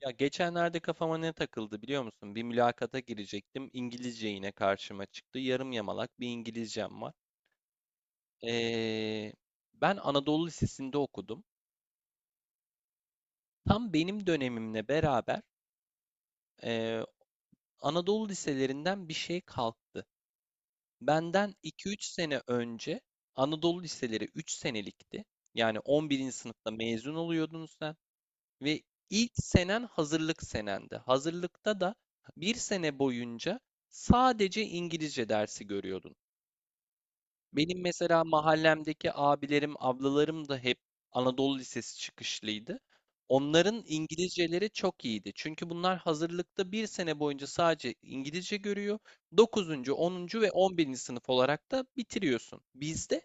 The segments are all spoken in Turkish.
Ya geçenlerde kafama ne takıldı biliyor musun? Bir mülakata girecektim. İngilizce yine karşıma çıktı. Yarım yamalak bir İngilizcem var. Ee, ben Anadolu Lisesi'nde okudum. Tam benim dönemimle beraber ee, Anadolu liselerinden bir şey kalktı. Benden iki üç sene önce Anadolu liseleri 3 senelikti. Yani 11. sınıfta mezun oluyordunuz. Ve ilk senen hazırlık senendi. Hazırlıkta da bir sene boyunca sadece İngilizce dersi görüyordun. Benim mesela mahallemdeki abilerim, ablalarım da hep Anadolu Lisesi çıkışlıydı. Onların İngilizceleri çok iyiydi. Çünkü bunlar hazırlıkta bir sene boyunca sadece İngilizce görüyor. 9. 10. ve 11. sınıf olarak da bitiriyorsun. Bizde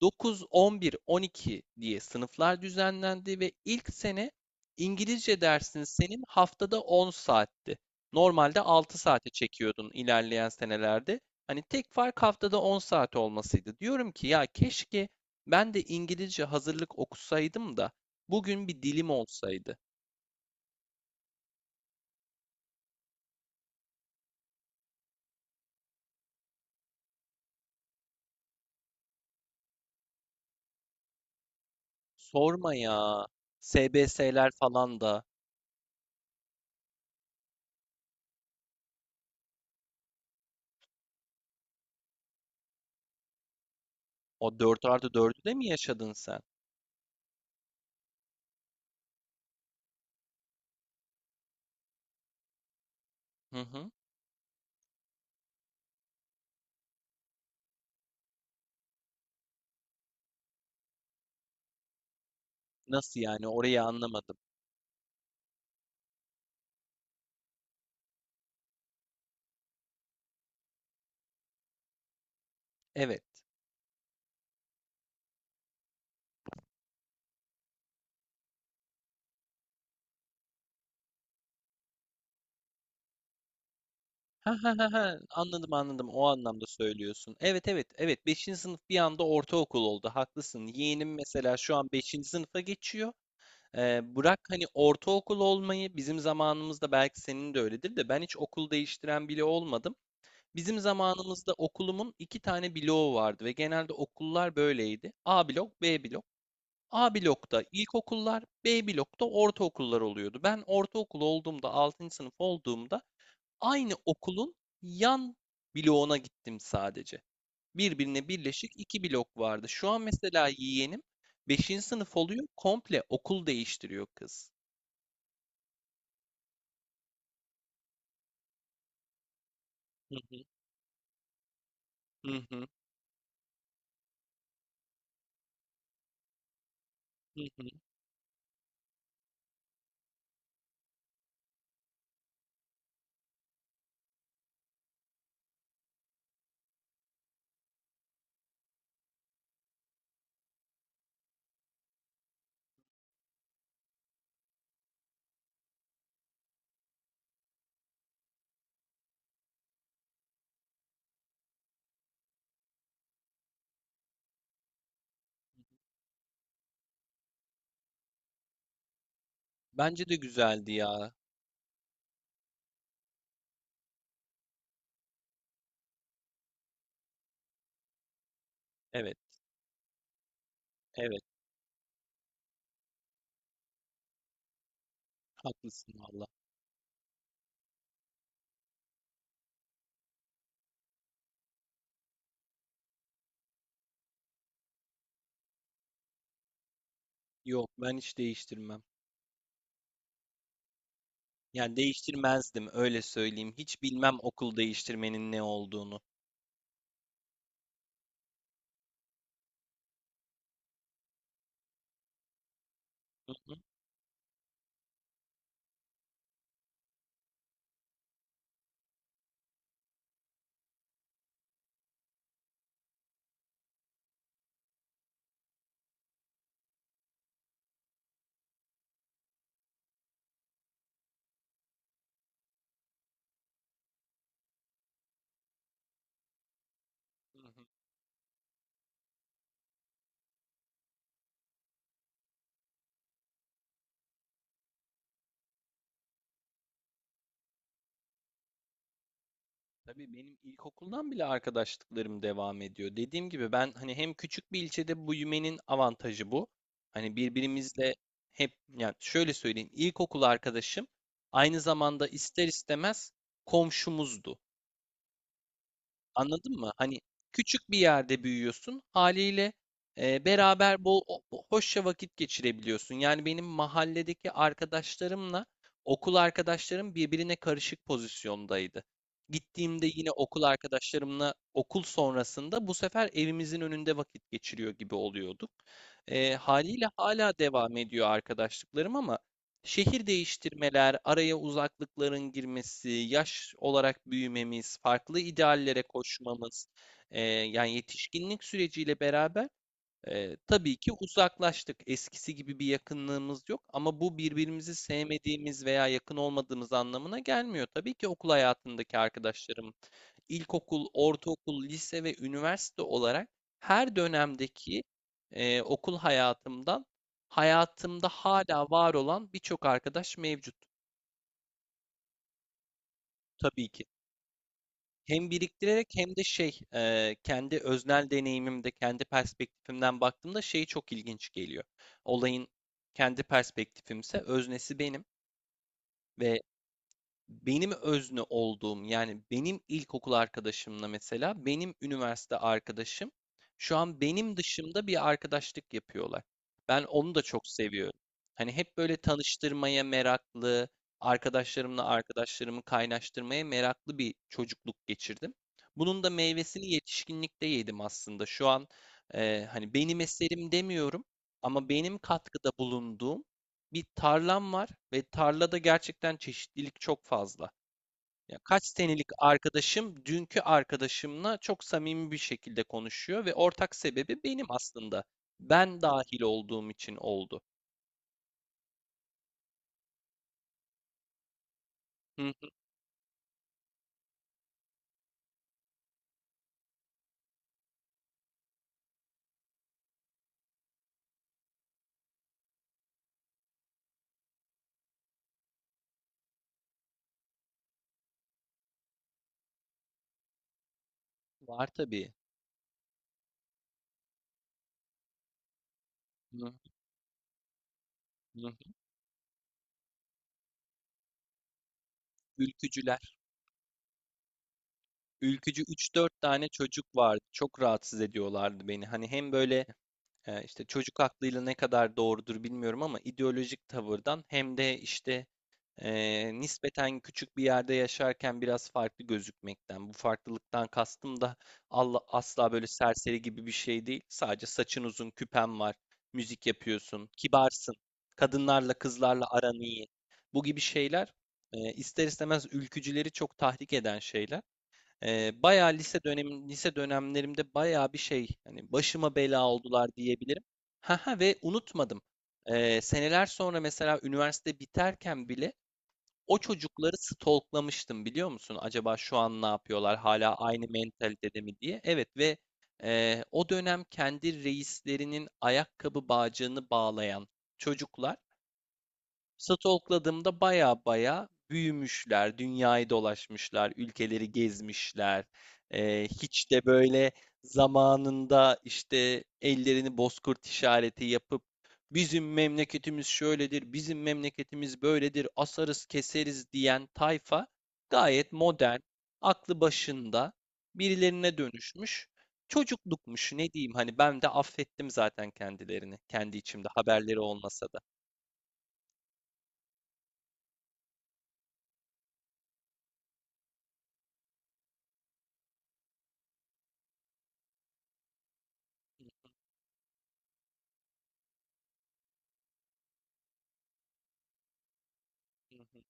9, 11, 12 diye sınıflar düzenlendi ve ilk sene İngilizce dersin senin haftada 10 saatti. Normalde 6 saate çekiyordun ilerleyen senelerde. Hani tek fark haftada 10 saat olmasıydı. Diyorum ki ya keşke ben de İngilizce hazırlık okusaydım da bugün bir dilim olsaydı. Sorma ya. SBS'ler falan da o dört artı dördü de mi yaşadın sen? Hı hı. Nasıl yani? Orayı anlamadım. Evet. Ha ha ha ha. Anladım anladım. O anlamda söylüyorsun. Evet evet evet. Beşinci sınıf bir anda ortaokul oldu. Haklısın. Yeğenim mesela şu an beşinci sınıfa geçiyor. Bırak hani ortaokul olmayı bizim zamanımızda belki senin de öyledir de ben hiç okul değiştiren bile olmadım. Bizim zamanımızda okulumun iki tane bloğu vardı ve genelde okullar böyleydi. A blok, B blok. A blokta ilkokullar, B blokta ortaokullar oluyordu. Ben ortaokul olduğumda, 6. sınıf olduğumda aynı okulun yan bloğuna gittim sadece. Birbirine birleşik iki blok vardı. Şu an mesela yeğenim beşinci sınıf oluyor, komple okul değiştiriyor kız. Hı hı, hı hı, hı hı. Bence de güzeldi ya. Evet, evet. Haklısın valla. Yok, ben hiç değiştirmem. Yani değiştirmezdim, öyle söyleyeyim. Hiç bilmem okul değiştirmenin ne olduğunu. Hı hı, hı hı. Tabii benim ilkokuldan bile arkadaşlıklarım devam ediyor. Dediğim gibi ben hani hem küçük bir ilçede büyümenin avantajı bu. Hani birbirimizle hep yani şöyle söyleyeyim ilkokul arkadaşım aynı zamanda ister istemez komşumuzdu. Anladın mı? Hani küçük bir yerde büyüyorsun. Haliyle beraber bol hoşça vakit geçirebiliyorsun. Yani benim mahalledeki arkadaşlarımla okul arkadaşlarım birbirine karışık pozisyondaydı. Gittiğimde yine okul arkadaşlarımla okul sonrasında bu sefer evimizin önünde vakit geçiriyor gibi oluyorduk. Haliyle hala devam ediyor arkadaşlıklarım, ama şehir değiştirmeler, araya uzaklıkların girmesi, yaş olarak büyümemiz, farklı ideallere koşmamız, yani yetişkinlik süreciyle beraber tabii ki uzaklaştık. Eskisi gibi bir yakınlığımız yok ama bu birbirimizi sevmediğimiz veya yakın olmadığımız anlamına gelmiyor. Tabii ki okul hayatındaki arkadaşlarım, ilkokul, ortaokul, lise ve üniversite olarak her dönemdeki e, okul hayatımdan hayatımda hala var olan birçok arkadaş mevcut, tabii ki. Hem biriktirerek hem de kendi öznel deneyimimde, kendi perspektifimden baktığımda çok ilginç geliyor. Olayın kendi perspektifimse öznesi benim ve benim özne olduğum yani benim ilkokul arkadaşımla mesela benim üniversite arkadaşım şu an benim dışımda bir arkadaşlık yapıyorlar. Ben onu da çok seviyorum. Hani hep böyle tanıştırmaya meraklı, arkadaşlarımla arkadaşlarımı kaynaştırmaya meraklı bir çocukluk geçirdim. Bunun da meyvesini yetişkinlikte yedim aslında. Şu an hani benim eserim demiyorum ama benim katkıda bulunduğum bir tarlam var ve tarlada gerçekten çeşitlilik çok fazla. Ya kaç senelik arkadaşım dünkü arkadaşımla çok samimi bir şekilde konuşuyor ve ortak sebebi benim aslında. Ben dahil olduğum için oldu. Hı hı, var tabii. Hı hı. Ülkücüler. Ülkücü üç dört tane çocuk vardı. Çok rahatsız ediyorlardı beni. Hani hem böyle işte çocuk aklıyla ne kadar doğrudur bilmiyorum ama ideolojik tavırdan, hem de işte nispeten küçük bir yerde yaşarken biraz farklı gözükmekten. Bu farklılıktan kastım da Allah, asla böyle serseri gibi bir şey değil. Sadece saçın uzun, küpen var, müzik yapıyorsun, kibarsın, kadınlarla kızlarla aran iyi. Bu gibi şeyler ister istemez ülkücüleri çok tahrik eden şeyler. Bayağı lise dönem lise dönemlerimde bayağı bir şey hani başıma bela oldular diyebilirim. Ha ha ve unutmadım. Seneler sonra mesela üniversite biterken bile o çocukları stalklamıştım biliyor musun? Acaba şu an ne yapıyorlar? Hala aynı mentalitede mi diye. Evet ve o dönem kendi reislerinin ayakkabı bağcığını bağlayan çocuklar, stalkladığımda baya baya büyümüşler, dünyayı dolaşmışlar, ülkeleri gezmişler. Hiç de böyle zamanında işte ellerini bozkurt işareti yapıp bizim memleketimiz şöyledir, bizim memleketimiz böyledir, asarız keseriz diyen tayfa gayet modern, aklı başında birilerine dönüşmüş. Çocuklukmuş ne diyeyim, hani ben de affettim zaten kendilerini, kendi içimde haberleri olmasa da. Hı hı, hı hı.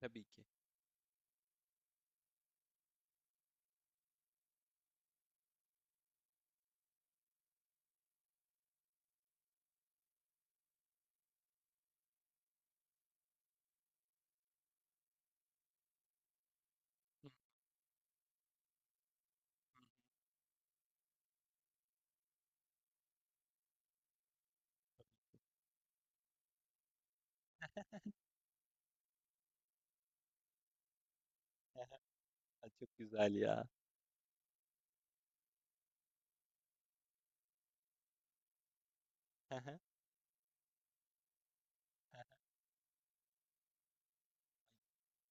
Tabii ki. Hı, he. Çok güzel ya. He he.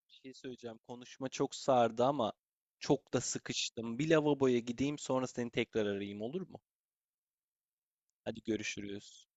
Bir şey söyleyeceğim. Konuşma çok sardı ama çok da sıkıştım. Bir lavaboya gideyim, sonra seni tekrar arayayım, olur mu? Hadi görüşürüz.